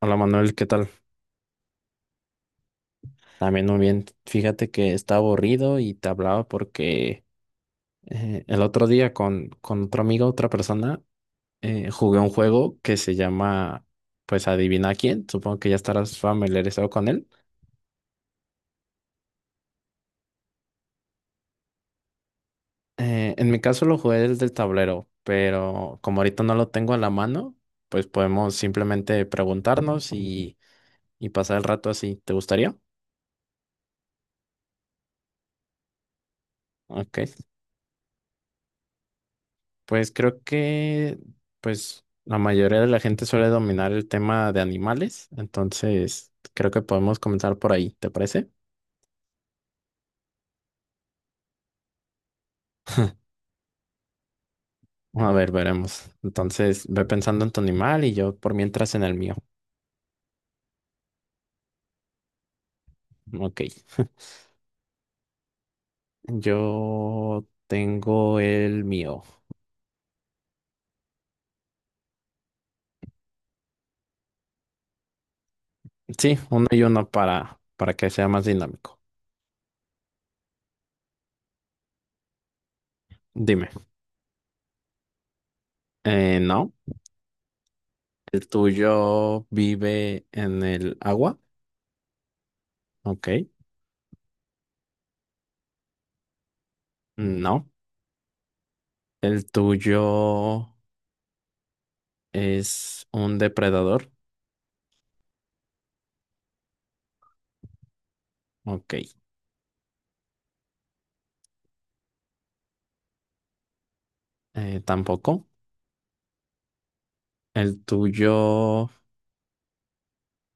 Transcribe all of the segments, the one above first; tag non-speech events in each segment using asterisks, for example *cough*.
Hola Manuel, ¿qué tal? También muy bien. Fíjate que está aburrido y te hablaba porque el otro día con otro amigo, otra persona, jugué un juego que se llama, pues adivina quién. Supongo que ya estarás familiarizado con él. En mi caso lo jugué desde el tablero, pero como ahorita no lo tengo a la mano, pues podemos simplemente preguntarnos y pasar el rato así. ¿Te gustaría? Ok. Pues creo que, pues, la mayoría de la gente suele dominar el tema de animales, entonces creo que podemos comenzar por ahí, ¿te parece? A ver, veremos. Entonces, ve pensando en tu animal y yo por mientras en el mío. Ok. Yo tengo el mío. Sí, uno y uno para que sea más dinámico. Dime. No. ¿El tuyo vive en el agua? Ok. No. ¿El tuyo es un depredador? Ok, tampoco. El tuyo,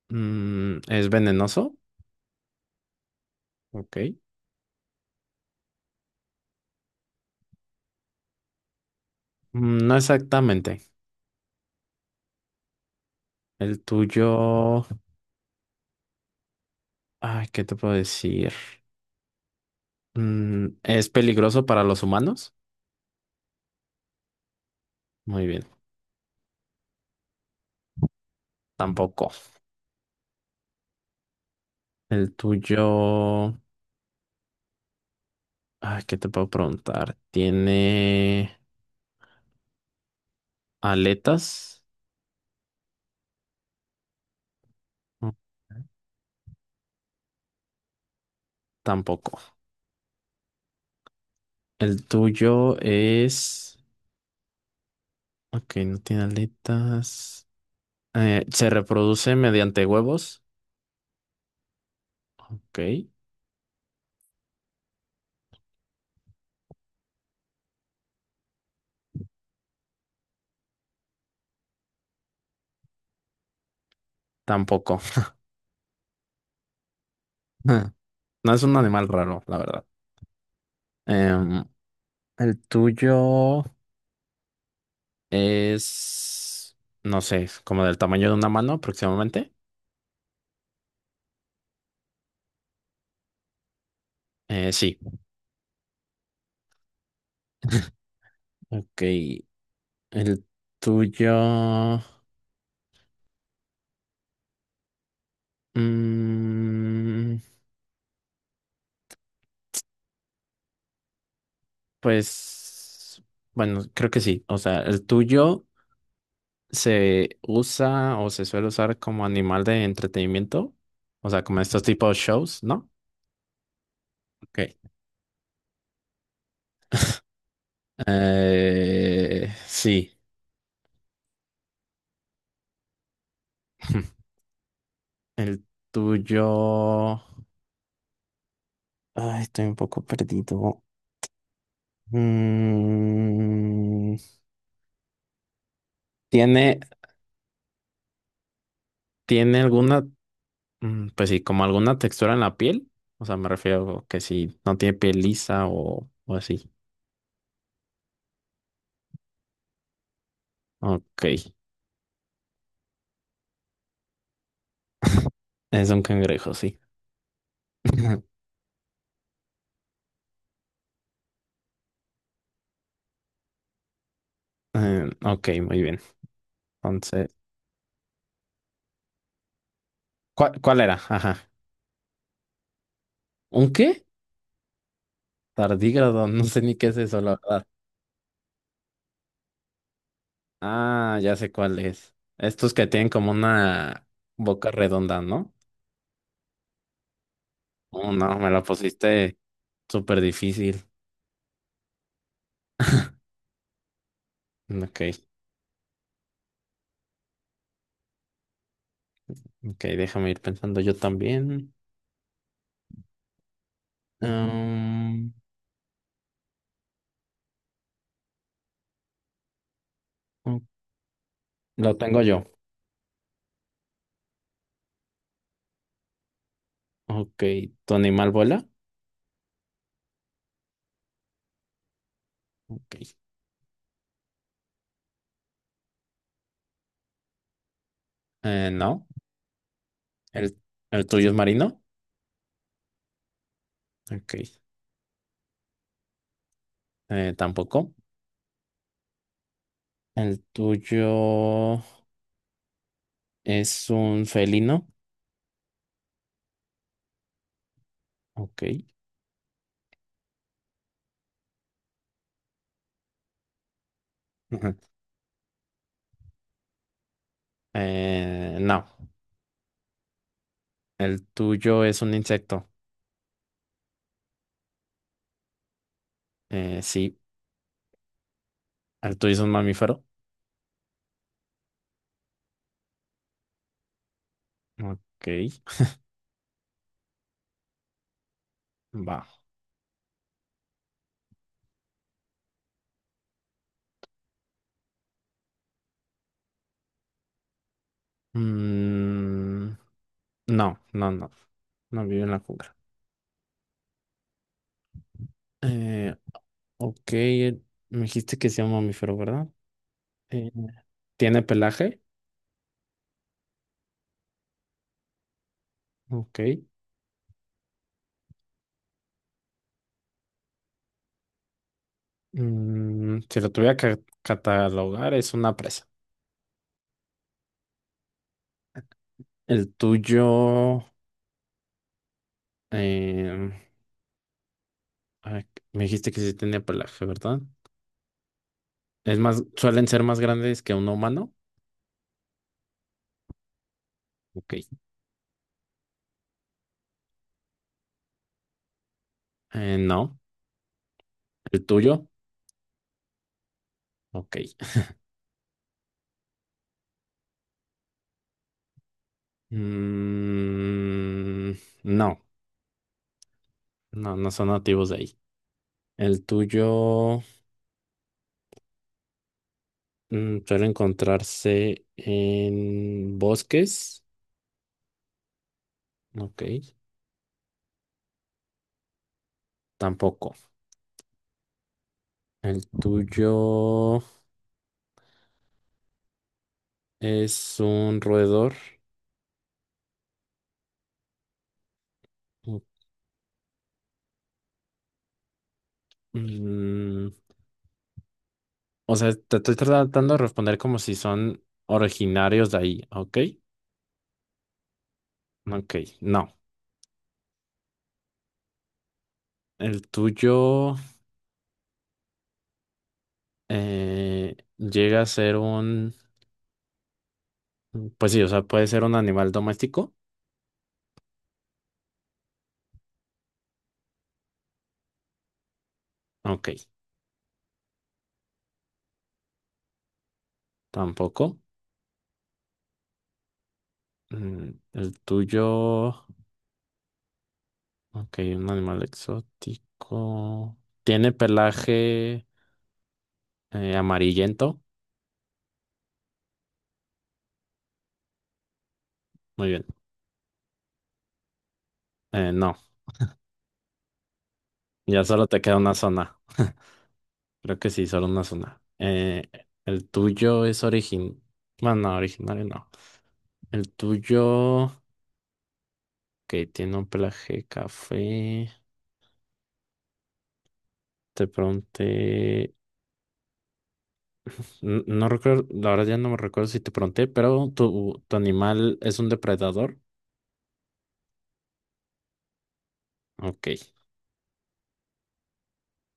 mm, es venenoso. Ok. Mm, no exactamente. El tuyo, ay, ¿qué te puedo decir? Mm, es peligroso para los humanos. Muy bien, tampoco. El tuyo, ay, ¿qué te puedo preguntar? ¿Tiene aletas? Ok. Tampoco. El tuyo es, ok, no tiene aletas. Se reproduce mediante huevos. Ok, tampoco. *laughs* No es un animal raro, la verdad. Em, el tuyo es, no sé, como del tamaño de una mano aproximadamente. Sí. *laughs* Ok, el tuyo, mm, pues, bueno, creo que sí. O sea, el tuyo se usa o se suele usar como animal de entretenimiento. O sea, como estos tipos de shows, ¿no? Ok. Sí. *laughs* El tuyo. Ay, estoy un poco perdido. Mm, ¿tiene, tiene alguna, mm, pues sí, como alguna textura en la piel? O sea, me refiero que si no tiene piel lisa o así. Ok. Es un cangrejo, sí. *laughs* Ok, muy bien. Entonces, ¿cuál, cuál era? Ajá. ¿Un qué? Tardígrado, *laughs* no sé ni qué es eso, la verdad. Ah, ya sé cuál es. Estos que tienen como una boca redonda, ¿no? Oh, no, me la pusiste súper difícil. Ok, ok, déjame ir pensando yo también. Um, oh, lo tengo yo. Ok, ¿tu animal vuela? Ok. No. ¿El, el tuyo es marino? Ok. Tampoco. ¿El tuyo es un felino? Ok. Ujú. No. ¿El tuyo es un insecto? Sí. ¿El tuyo es un mamífero? Ok, va. Mm, no, no, no. No vive en la jungla. Eh, ok, me dijiste que sea un mamífero, ¿verdad? Eh, ¿Tiene pelaje? Ok. Mm, si lo tuviera que catalogar, es una presa. El tuyo, em, a me dijiste que sí tenía pelaje, ¿verdad? Es más, suelen ser más grandes que un humano. Ok. No. El tuyo, ok. Mm, no, no, no son nativos de ahí. El tuyo, mm, suele encontrarse en bosques. Ok, tampoco. El tuyo es un roedor. O, mm, o sea, te estoy tratando de responder como si son originarios de ahí. Ok, ok, no. El tuyo llega a ser un, pues sí, o sea, puede ser un animal doméstico. Ok, tampoco. Mm, el tuyo, ok, un animal exótico. ¿Tiene pelaje amarillento? Muy bien. No, ya solo te queda una zona. *laughs* Creo que sí, solo una zona. El tuyo es origin... Bueno, no, originario no. El tuyo, que tiene un pelaje café. De pronto, N- no recuerdo, la verdad ya no me recuerdo si te pregunté, pero tu animal es un depredador. Ok.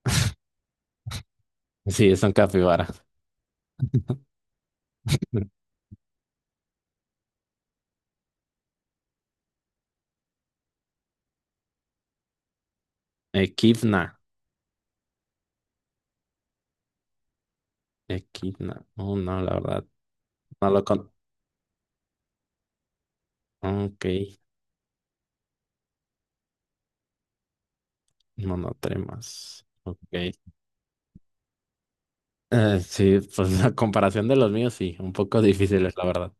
*laughs* Sí, es un capibara. *laughs* Equidna. Equidna. Oh, no, la verdad. No lo con. Ok. Monotremas. Ok. Sí, pues *laughs* la comparación de los míos, sí. Un poco difíciles, la verdad.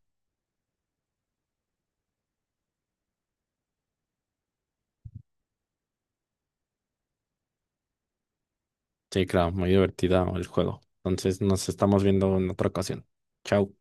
Sí, claro. Muy divertida el juego. Entonces nos estamos viendo en otra ocasión. Chao.